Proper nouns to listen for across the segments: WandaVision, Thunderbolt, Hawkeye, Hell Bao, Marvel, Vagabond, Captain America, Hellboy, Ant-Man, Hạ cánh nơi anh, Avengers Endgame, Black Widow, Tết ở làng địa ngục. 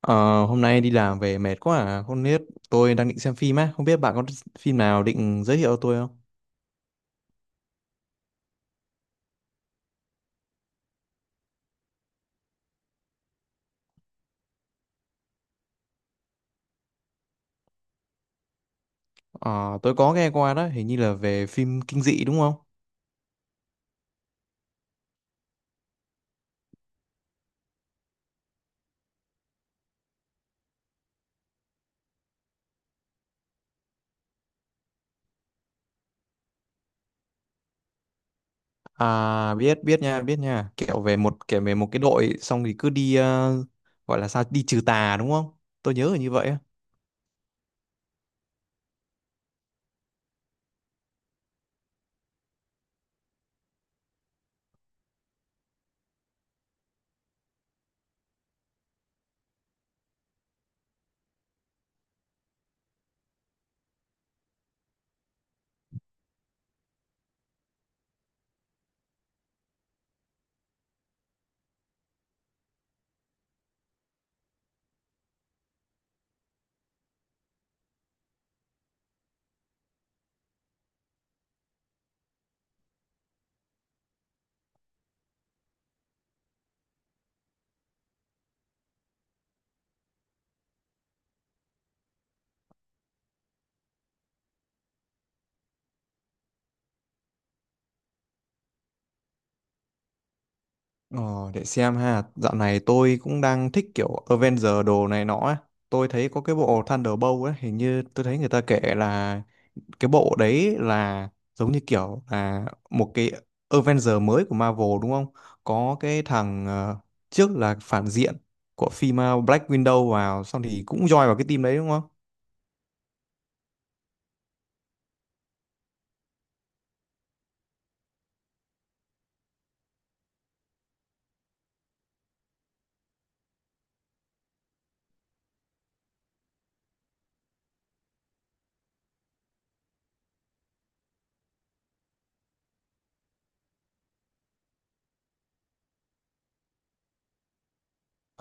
Ờ, Hôm nay đi làm về mệt quá à. Không biết tôi đang định xem phim á. Không biết bạn có phim nào định giới thiệu tôi không? Ờ, tôi có nghe qua đó, hình như là về phim kinh dị đúng không? À, biết biết nha, biết nha. Kiểu về một kể về một cái đội xong thì cứ đi gọi là sao đi trừ tà đúng không? Tôi nhớ là như vậy á. Ờ, để xem ha. Dạo này tôi cũng đang thích kiểu Avenger đồ này nọ á. Tôi thấy có cái bộ Thunderbolt ấy, hình như tôi thấy người ta kể là cái bộ đấy là giống như kiểu là một cái Avenger mới của Marvel đúng không? Có cái thằng trước là phản diện của phim Black Widow vào xong thì cũng join vào cái team đấy đúng không?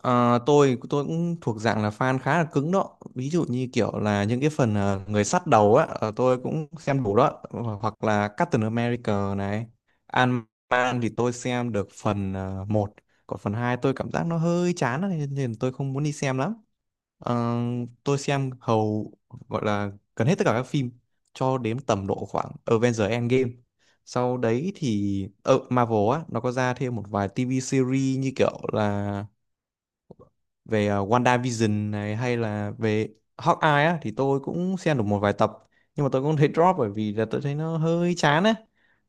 Ờ, tôi cũng thuộc dạng là fan khá là cứng đó, ví dụ như kiểu là những cái phần người sắt đầu á, tôi cũng xem đủ đó. Hoặc là Captain America này, Ant-Man thì tôi xem được phần 1, còn phần 2 tôi cảm giác nó hơi chán á, nên nên tôi không muốn đi xem lắm. Ờ, tôi xem hầu gọi là gần hết tất cả các phim cho đến tầm độ khoảng Avengers Endgame. Sau đấy thì ở Marvel á nó có ra thêm một vài TV series, như kiểu là về WandaVision này hay là về Hawkeye á, thì tôi cũng xem được một vài tập, nhưng mà tôi cũng thấy drop bởi vì là tôi thấy nó hơi chán á.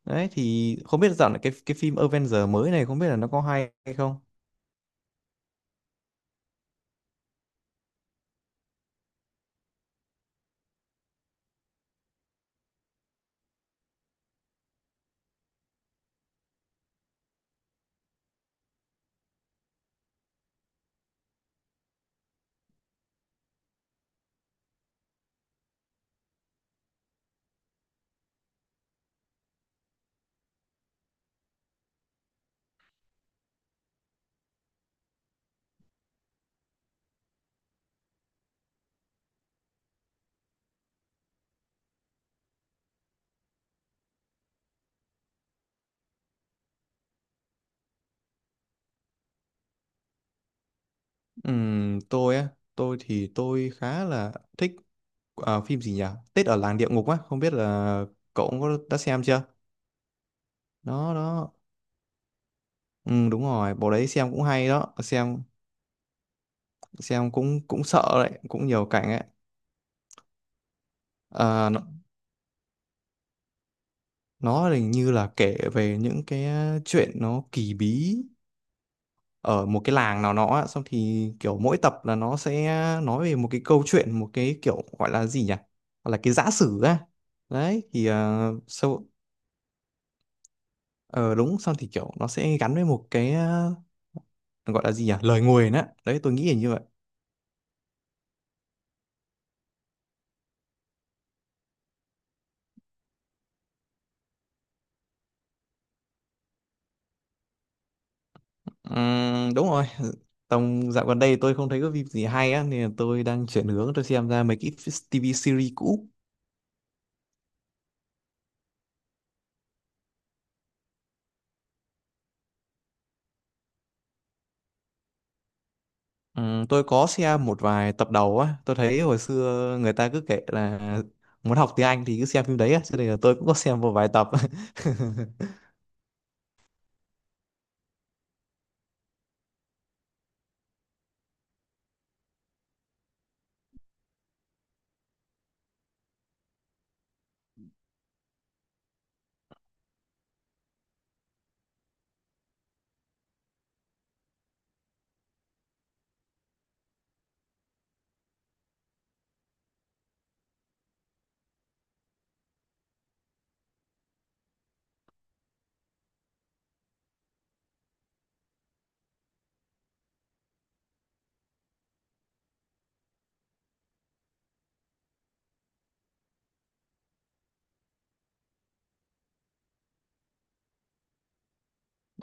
Đấy thì không biết dạo này cái phim Avengers mới này không biết là nó có hay hay không. Tôi á, tôi khá là thích. Ờ, phim gì nhỉ? Tết ở làng địa ngục á, không biết là cậu cũng có đã xem chưa? Đó đó. Ừ đúng rồi, bộ đấy xem cũng hay đó, xem cũng cũng sợ đấy, cũng nhiều cảnh ấy. Ờ, nó hình như là kể về những cái chuyện nó kỳ bí ở một cái làng nào đó á, xong thì kiểu mỗi tập là nó sẽ nói về một cái câu chuyện, một cái kiểu gọi là gì nhỉ? Gọi là cái giả sử á. Đấy thì sau. Ờ Đúng, xong thì kiểu nó sẽ gắn với một cái gọi là gì nhỉ, lời nguyền á, đấy tôi nghĩ là như vậy. Đúng rồi, tầm dạo gần đây tôi không thấy có phim gì hay á nên là tôi đang chuyển hướng tôi xem ra mấy cái TV series cũ. Tôi có xem một vài tập đầu á, tôi thấy hồi xưa người ta cứ kể là muốn học tiếng Anh thì cứ xem phim đấy á, cho nên là tôi cũng có xem một vài tập.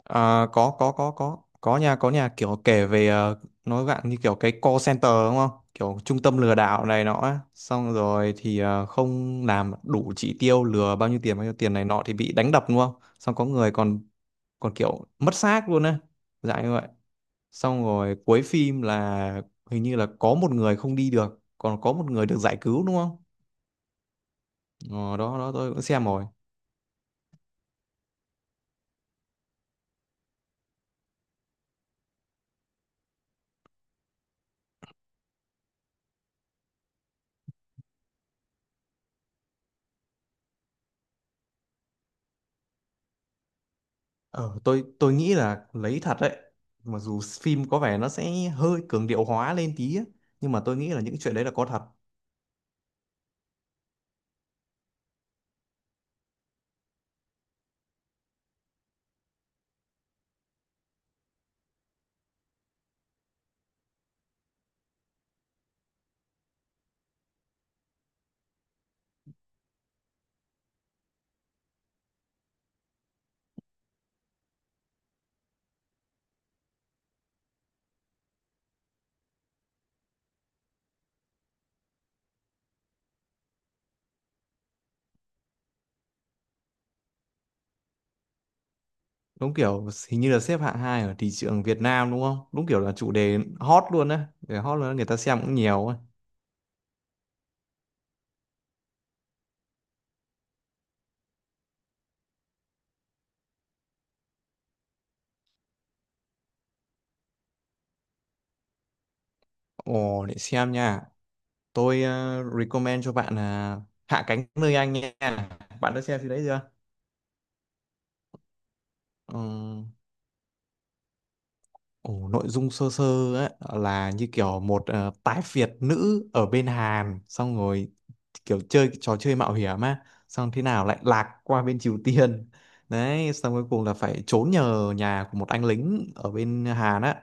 À, có có nha, có nhà kiểu kể về nói bạn như kiểu cái call center đúng không, kiểu trung tâm lừa đảo này nọ á. Xong rồi thì không làm đủ chỉ tiêu, lừa bao nhiêu tiền này nọ thì bị đánh đập đúng không, xong có người còn còn kiểu mất xác luôn á, dạng như vậy. Xong rồi cuối phim là hình như là có một người không đi được còn có một người được giải cứu đúng không. Ờ, Đó đó, tôi cũng xem rồi. Ờ, tôi nghĩ là lấy thật đấy, mặc dù phim có vẻ nó sẽ hơi cường điệu hóa lên tí á, nhưng mà tôi nghĩ là những chuyện đấy là có thật. Đúng, kiểu hình như là xếp hạng hai ở thị trường Việt Nam đúng không, đúng kiểu là chủ đề hot luôn á, để hot luôn á, người ta xem cũng nhiều á. Ồ để xem nha, tôi recommend cho bạn là Hạ cánh nơi anh nha, bạn đã xem phim đấy chưa? Ờ, ồ, nội dung sơ sơ ấy, là như kiểu một tái Việt nữ ở bên Hàn xong rồi kiểu chơi cái trò chơi mạo hiểm á, xong thế nào lại lạc qua bên Triều Tiên, đấy xong cuối cùng là phải trốn nhờ nhà của một anh lính ở bên Hàn á,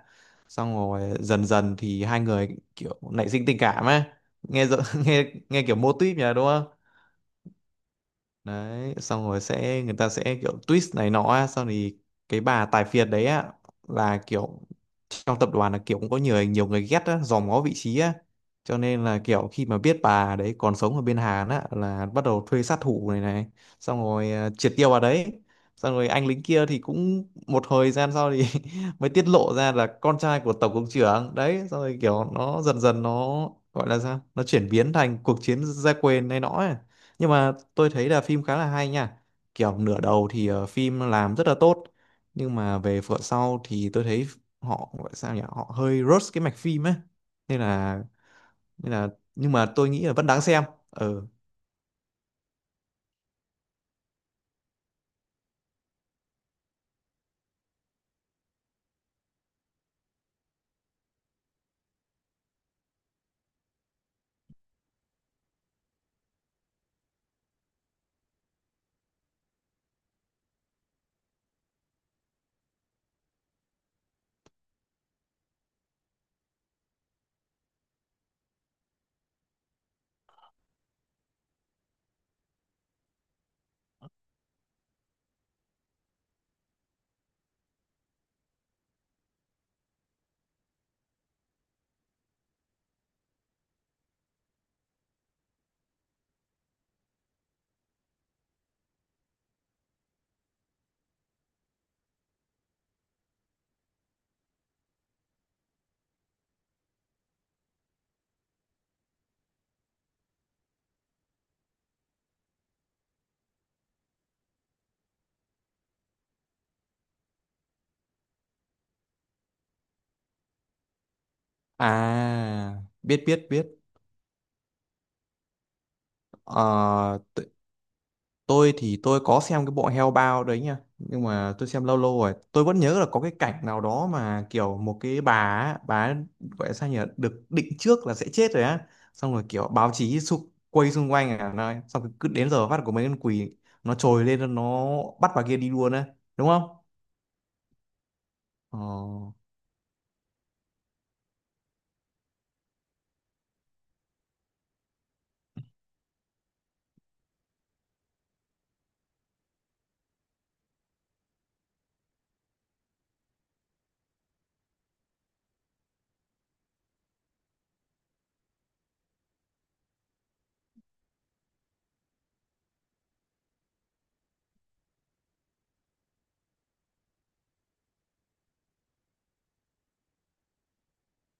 xong rồi dần dần thì hai người kiểu nảy sinh tình cảm á. nghe rõ- nghe nghe kiểu mô típ nhỉ đúng không. Đấy xong rồi sẽ người ta sẽ kiểu twist này nọ á, xong thì cái bà tài phiệt đấy á là kiểu trong tập đoàn là kiểu cũng có nhiều nhiều người ghét á, dòm ngó vị trí á, cho nên là kiểu khi mà biết bà đấy còn sống ở bên Hàn á là bắt đầu thuê sát thủ này này, xong rồi triệt tiêu bà đấy. Xong rồi anh lính kia thì cũng một thời gian sau thì mới tiết lộ ra là con trai của tổng cục trưởng đấy, xong rồi kiểu nó dần dần nó gọi là sao, nó chuyển biến thành cuộc chiến gia quyền này nọ ấy. Nhưng mà tôi thấy là phim khá là hay nha, kiểu nửa đầu thì phim làm rất là tốt, nhưng mà về phần sau thì tôi thấy họ gọi sao nhỉ, họ hơi rush cái mạch phim ấy, nên là nên là nhưng mà tôi nghĩ là vẫn đáng xem. Ừ. À, biết biết biết. Ờ, tôi có xem cái bộ Hell Bao đấy nha, nhưng mà tôi xem lâu lâu rồi, tôi vẫn nhớ là có cái cảnh nào đó mà kiểu một cái bà á, bà ấy gọi là sao nhỉ, được định trước là sẽ chết rồi á, xong rồi kiểu báo chí xung, quay xung quanh à này, xong rồi cứ đến giờ phát của mấy con quỷ nó trồi lên nó bắt bà kia đi luôn á, đúng không? Ờ.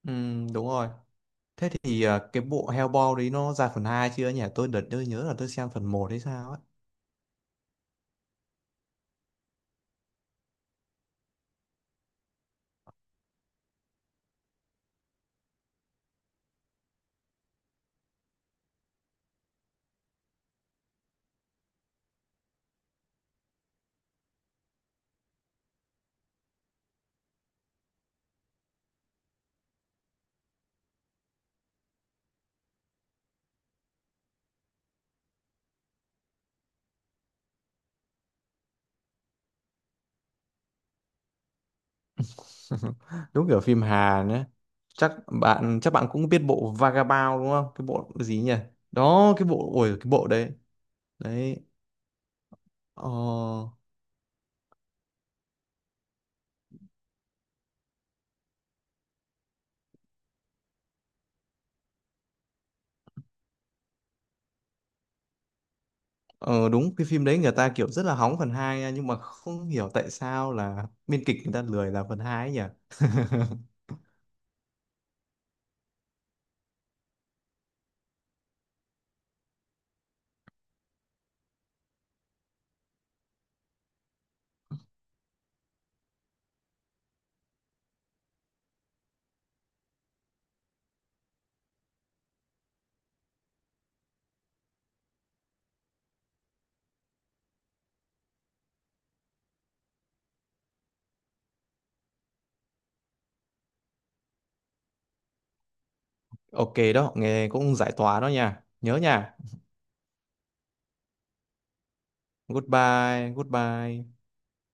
Ừm, đúng rồi. Thế thì cái bộ Hellboy đấy nó ra phần 2 chưa nhỉ, tôi đợt tôi nhớ là tôi xem phần một hay sao ấy. Đúng kiểu phim hà nữa, chắc bạn cũng biết bộ Vagabond đúng không, cái bộ gì nhỉ, đó cái bộ, ôi cái bộ đấy, đấy, ờ, ờ đúng cái phim đấy người ta kiểu rất là hóng phần 2 nha, nhưng mà không hiểu tại sao là biên kịch người ta lười làm phần hai ấy nhỉ. Ok đó, nghe cũng giải tỏa đó nha, nhớ nha. Goodbye goodbye.